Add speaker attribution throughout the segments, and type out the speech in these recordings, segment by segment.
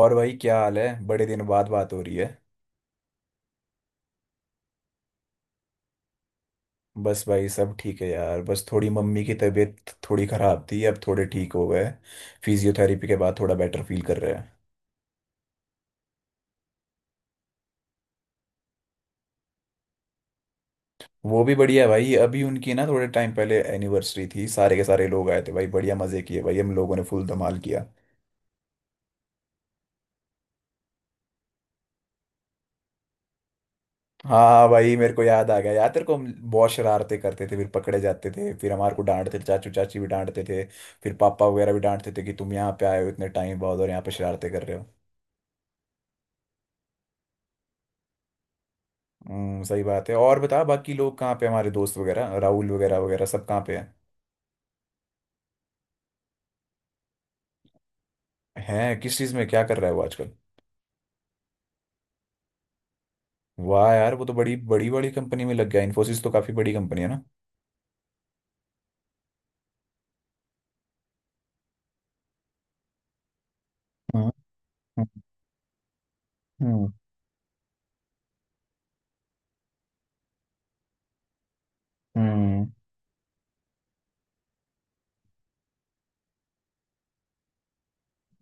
Speaker 1: और भाई, क्या हाल है? बड़े दिन बाद बात हो रही है। बस भाई सब ठीक है यार। बस थोड़ी मम्मी की तबीयत थोड़ी खराब थी, अब थोड़े ठीक हो गए। फिजियोथेरेपी के बाद थोड़ा बेटर फील कर रहे हैं। वो भी बढ़िया है भाई। अभी उनकी ना थोड़े टाइम पहले एनिवर्सरी थी, सारे के सारे लोग आए थे भाई। बढ़िया मजे किए भाई, हम लोगों ने फुल धमाल किया। हाँ हाँ भाई, मेरे को याद आ गया यार तेरे को, हम बहुत शरारतें करते थे, फिर पकड़े जाते थे, फिर हमारे को डांटते थे, चाचू चाची भी डांटते थे। फिर पापा वगैरह भी डांटते थे कि तुम यहाँ पे आए हो इतने टाइम बाद और यहाँ पे शरारतें कर रहे हो। सही बात है। और बता, बाकी लोग कहाँ पे? हमारे दोस्त वगैरह, राहुल वगैरह वगैरह सब कहाँ पे हैं? किस चीज़ में क्या कर रहा है वो आजकल? वाह यार, वो तो बड़ी बड़ी बड़ी कंपनी में लग गया। इन्फोसिस तो काफ़ी बड़ी कंपनी है ना। हम्म। हम्म। हम्म।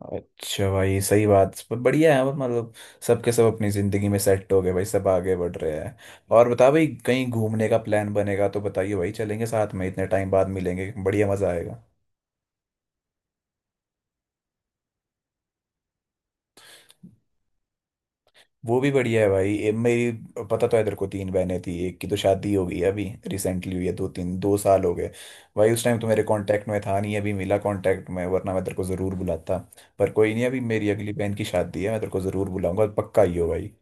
Speaker 1: अच्छा भाई, सही बात, पर बढ़िया है मतलब। सबके सब अपनी ज़िंदगी में सेट हो गए भाई, सब आगे बढ़ रहे हैं। और बता भाई, कहीं घूमने का प्लान बनेगा तो बताइए भाई, चलेंगे साथ में। इतने टाइम बाद मिलेंगे, बढ़िया मज़ा आएगा। वो भी बढ़िया है भाई। मेरी, पता तो है तेरे को, तीन बहनें थी, एक की तो शादी हो गई है, अभी रिसेंटली हुई है, दो तीन 2 साल हो गए। भाई उस टाइम तो मेरे कांटेक्ट में था नहीं, अभी मिला कांटेक्ट में, वरना मैं तेरे को ज़रूर बुलाता। पर कोई नहीं, अभी मेरी अगली बहन की शादी है, मैं तेरे को ज़रूर बुलाऊंगा पक्का, ही हो भाई।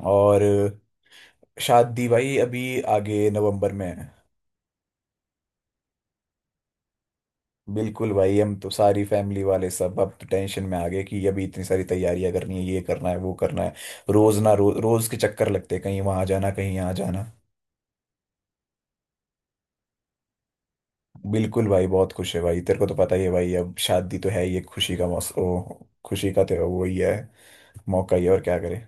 Speaker 1: और शादी भाई अभी आगे नवंबर में है। बिल्कुल भाई, हम तो सारी फैमिली वाले सब अब तो टेंशन में आ गए कि अभी इतनी सारी तैयारियां करनी है, ये करना है, वो करना है। रोज ना, रोज रोज के चक्कर लगते हैं, कहीं वहां जाना, कहीं यहाँ जाना। बिल्कुल भाई, बहुत खुश है भाई। तेरे को तो पता ही है भाई, अब शादी तो है ही एक खुशी का मौसम, खुशी का तो वही है, मौका ही है, और क्या करे।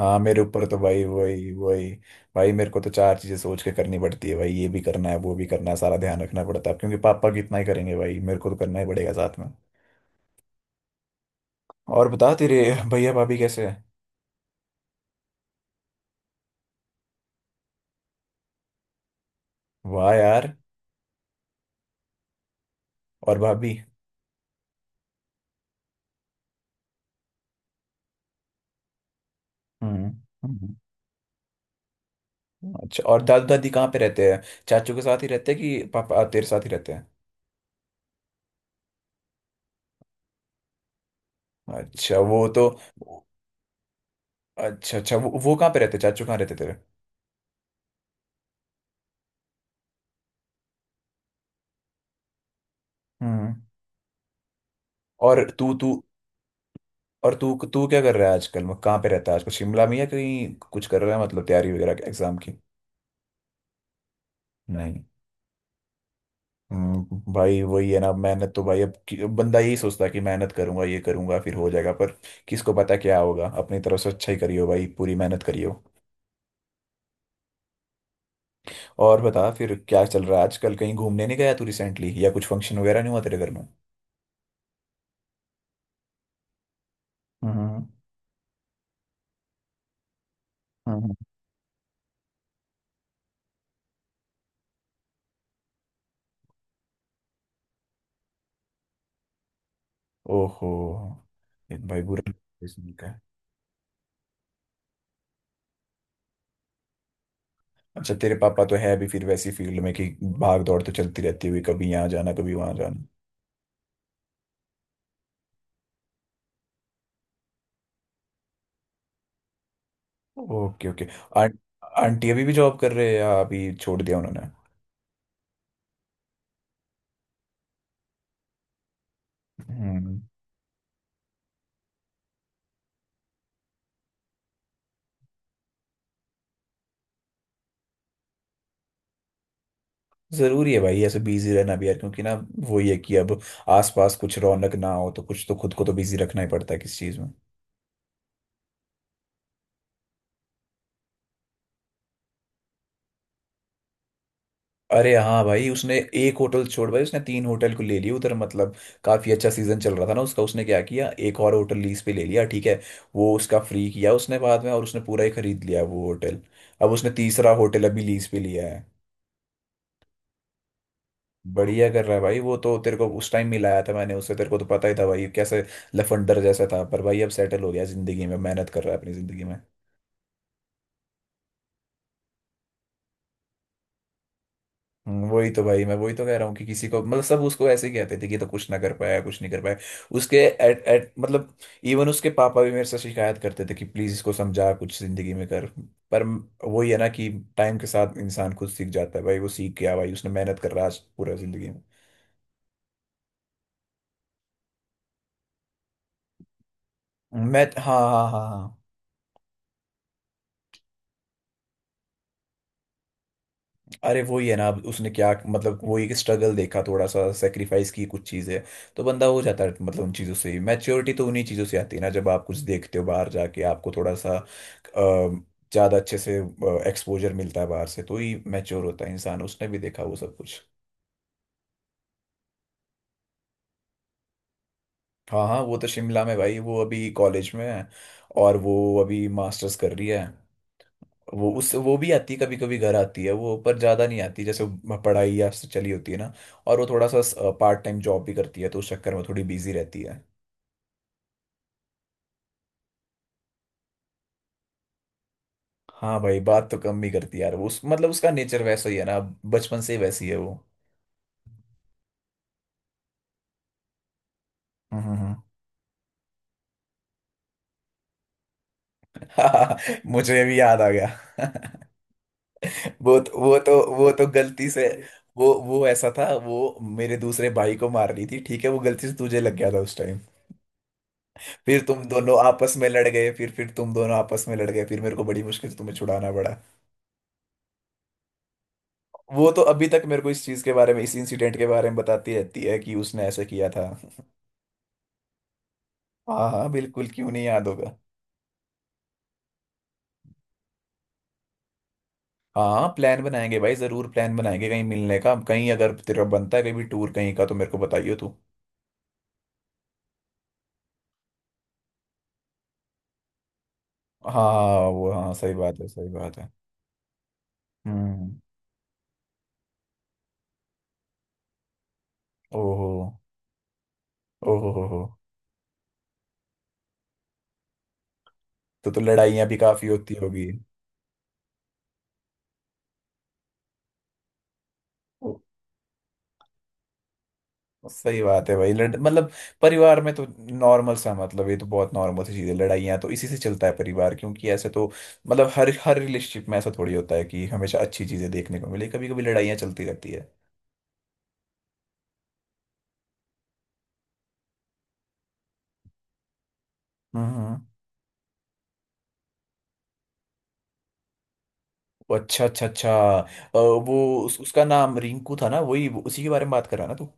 Speaker 1: हाँ, मेरे ऊपर तो भाई वही वही। भाई मेरे को तो चार चीजें सोच के करनी पड़ती है भाई, ये भी करना है, वो भी करना है, सारा ध्यान रखना पड़ता है, अब क्योंकि पापा कितना ही करेंगे भाई, मेरे को तो करना ही पड़ेगा साथ में। और बता तेरे भैया भाभी कैसे हैं? वाह यार। और भाभी? हम्म। हम्म। अच्छा, और दादू दादी कहाँ पे रहते हैं? चाचू के साथ ही रहते हैं कि पापा तेरे साथ ही रहते हैं? अच्छा, वो तो। अच्छा अच्छा, वो कहाँ पे रहते? चाचू कहाँ रहते तेरे? हम्म। और तू तू और तू तू क्या कर रहा है आजकल? मतलब कहाँ पे रहता है आजकल, शिमला में, या कहीं कुछ कर रहा है, मतलब तैयारी वगैरह की एग्जाम की? नहीं। भाई वही है ना, मेहनत तो भाई अब, बंदा यही सोचता है कि मेहनत करूंगा, ये करूंगा, फिर हो जाएगा, पर किसको पता क्या होगा। अपनी तरफ से अच्छा ही करियो भाई, पूरी मेहनत करियो। और बता फिर क्या चल रहा है आजकल? कहीं घूमने नहीं गया तू रिसेंटली? या कुछ फंक्शन वगैरह नहीं हुआ तेरे घर में? हम्म, हम्म। ओहो, ये भाई बुरा। अच्छा, तेरे पापा तो है अभी फिर वैसी फील्ड में कि भाग दौड़ तो चलती रहती हुई, कभी यहाँ जाना, कभी वहां जाना। Okay okay. आं, आंटी अभी भी जॉब कर रहे हैं या अभी छोड़ दिया उन्होंने? हम्म। जरूरी है भाई ऐसे बिजी रहना भी यार, क्योंकि ना वो, ये कि अब आसपास कुछ रौनक ना हो तो कुछ तो खुद को तो बिजी रखना ही पड़ता है किस चीज में। अरे हाँ भाई, उसने एक होटल छोड़ भाई, उसने तीन होटल को ले लिया उधर, मतलब काफी अच्छा सीजन चल रहा था ना उसका। उसने क्या किया, एक और होटल लीज पे ले लिया, ठीक है, वो उसका फ्री किया उसने बाद में, और उसने पूरा ही खरीद लिया वो होटल। अब उसने तीसरा होटल अभी लीज पे लिया है। बढ़िया कर रहा है भाई वो, तो तेरे को उस टाइम मिलाया था मैंने उससे, तेरे को तो पता ही था भाई कैसे लफंडर जैसा था, पर भाई अब सेटल हो गया जिंदगी में, मेहनत कर रहा है अपनी जिंदगी में। वही तो भाई, मैं वही तो कह रहा हूँ कि किसी को, मतलब सब उसको ऐसे ही कहते थे कि ये तो कुछ ना कर पाया, कुछ नहीं कर पाया। उसके एट एट मतलब, इवन उसके पापा भी मेरे से शिकायत करते थे कि प्लीज इसको समझा, कुछ जिंदगी में कर। पर वही है ना कि टाइम के साथ इंसान खुद सीख जाता है भाई। वो सीख गया भाई, उसने मेहनत कर रहा है आज पूरा जिंदगी में। मैं हाँ, हाँ, हाँ, हाँ। अरे वही है ना, अब उसने क्या मतलब वही, एक स्ट्रगल देखा, थोड़ा सा सेक्रीफाइस की कुछ चीजें, तो बंदा हो जाता है, मतलब उन चीजों से ही मैच्योरिटी तो उन्हीं चीजों से आती है ना, जब आप कुछ देखते हो, बाहर जाके आपको थोड़ा सा ज्यादा अच्छे से एक्सपोजर मिलता है बाहर से, तो ही मैच्योर होता है इंसान। उसने भी देखा वो सब कुछ। हाँ हाँ, वो तो शिमला में भाई। वो अभी कॉलेज में है, और वो अभी मास्टर्स कर रही है। वो भी आती है, कभी कभी घर आती है वो, पर ज्यादा नहीं आती, जैसे वो पढ़ाई या उससे चली होती है ना। और वो थोड़ा सा पार्ट टाइम जॉब भी करती है, तो उस चक्कर में थोड़ी बिजी रहती है। हाँ भाई, बात तो कम ही करती है यार वो। उस मतलब उसका नेचर वैसा ही है ना, बचपन से ही वैसी है वो। हम्म, हम्म। मुझे भी याद आ गया। वो तो गलती से, वो ऐसा था, वो मेरे दूसरे भाई को मार रही थी, ठीक है, वो गलती से तुझे लग गया था उस टाइम। फिर तुम दोनों आपस में लड़ गए, फिर तुम दोनों आपस में लड़ गए, फिर मेरे को बड़ी मुश्किल से तुम्हें छुड़ाना पड़ा। वो तो अभी तक मेरे को इस चीज के बारे में, इस इंसिडेंट के बारे में बताती रहती है कि उसने ऐसे किया था। हाँ हाँ बिल्कुल, क्यों नहीं याद होगा। हाँ, प्लान बनाएंगे भाई, जरूर प्लान बनाएंगे कहीं मिलने का, कहीं अगर तेरा बनता है कहीं भी टूर कहीं का तो मेरे को बताइयो तू। हाँ वो, हाँ सही बात है, सही बात है। हम्म। ओहो। ओहो हो हो। तो लड़ाइयाँ भी काफी होती होगी। सही बात है भाई, लड़ मतलब परिवार में तो नॉर्मल सा, मतलब ये तो बहुत नॉर्मल सी चीज है, लड़ाइयाँ तो इसी से चलता है परिवार, क्योंकि ऐसे तो मतलब हर हर रिलेशनशिप में ऐसा थोड़ी होता है कि हमेशा अच्छी चीजें देखने को मिले, कभी कभी लड़ाइयाँ चलती रहती है। हम्म, वो अच्छा अच्छा अच्छा। वो, उसका नाम रिंकू था ना, वही उसी के बारे में बात कर रहा है ना तू।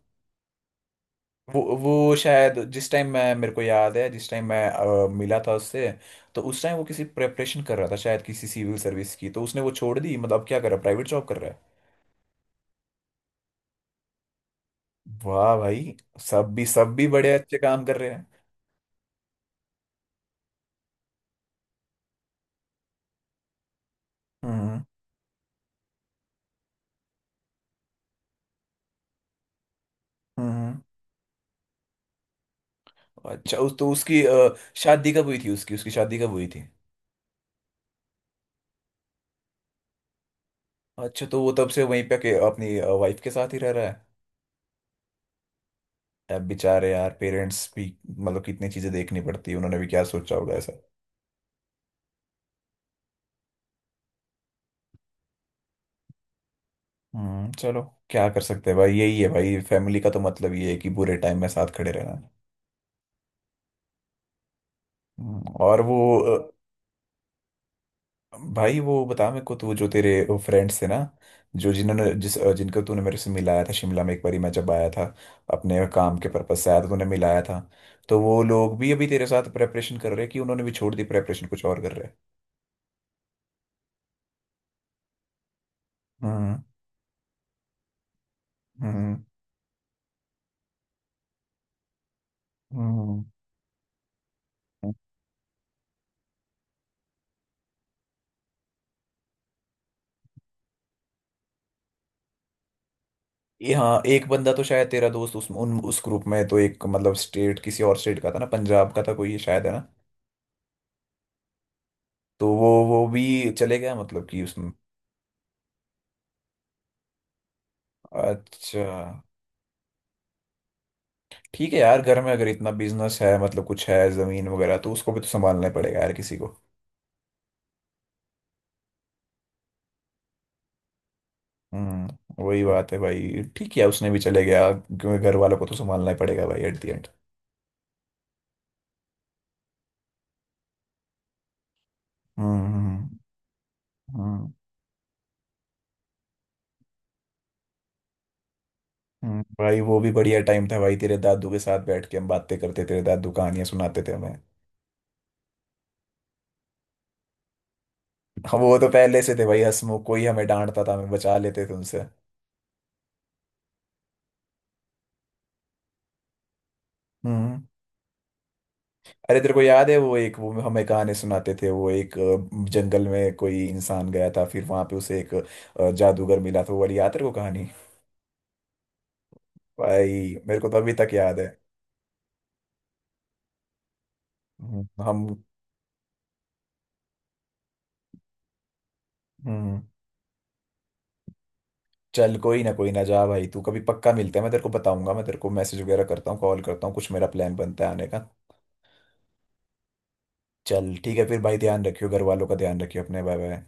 Speaker 1: वो शायद जिस टाइम मैं, मेरे को याद है जिस टाइम मैं मिला था उससे, तो उस टाइम वो किसी प्रेपरेशन कर रहा था शायद किसी सिविल सर्विस की, तो उसने वो छोड़ दी, मतलब अब क्या कर रहा है, प्राइवेट जॉब कर रहा है। वाह भाई, सब भी बड़े अच्छे काम कर रहे हैं। हम्म, हम्म। अच्छा, उस तो उसकी शादी कब हुई थी? उसकी, उसकी शादी कब हुई थी? अच्छा, तो वो तब से वहीं पे के अपनी वाइफ के साथ ही रह रहा है। अब बेचारे यार पेरेंट्स भी, मतलब कितनी चीजें देखनी पड़ती है, उन्होंने भी क्या सोचा होगा ऐसा। हम्म, चलो। क्या कर सकते हैं भाई, यही है भाई फैमिली का तो, मतलब ये है कि बुरे टाइम में साथ खड़े रहना। और वो, भाई वो बता मेरे को, तू जो तेरे फ्रेंड्स थे ना, जो जिन्होंने जिस जिनको तूने मेरे से मिलाया था शिमला में एक बारी, मैं जब आया था अपने काम के पर्पज से, आया था, तूने मिलाया था, तो वो लोग भी अभी तेरे साथ प्रेपरेशन कर रहे हैं कि उन्होंने भी छोड़ दी प्रेपरेशन, कुछ और कर रहे हैं? हम्म, हम्म, हम्म, हम्म। ये हाँ, एक बंदा तो शायद तेरा दोस्त उस ग्रुप में तो, एक मतलब स्टेट, किसी और स्टेट का था ना, पंजाब का था कोई ये शायद है ना। तो वो भी चले गया, मतलब कि उसमें। अच्छा। ठीक है यार, घर में अगर इतना बिजनेस है, मतलब कुछ है जमीन वगैरह, तो उसको भी तो संभालना ही पड़ेगा यार, किसी को। वही बात है भाई। ठीक है, उसने भी चले गया क्योंकि घर वालों को तो संभालना ही पड़ेगा भाई एट दी एंड। हम्म, हम्म, हम्म, भाई वो भी बढ़िया टाइम था भाई, तेरे दादू के साथ बैठ के हम बातें करते, तेरे दादू कहानियां सुनाते थे हमें। हाँ, वो तो पहले से थे भाई हंसमुख। कोई हमें डांटता था, हमें बचा लेते थे उनसे। हम्म। अरे तेरे को याद है वो एक, वो हमें कहानी सुनाते थे, वो एक जंगल में कोई इंसान गया था, फिर वहां पे उसे एक जादूगर मिला था, वो वाली याद तेरे को कहानी? भाई मेरे को तो अभी तक याद है। हम। हम्म। चल, कोई ना कोई ना, जा भाई तू, कभी पक्का मिलते हैं। मैं तेरे को बताऊंगा, मैं तेरे को मैसेज वगैरह करता हूँ, कॉल करता हूँ, कुछ मेरा प्लान बनता है आने का। चल ठीक है फिर भाई, ध्यान रखियो घर वालों का, ध्यान रखियो अपने। Bye bye.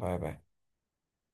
Speaker 1: Bye bye.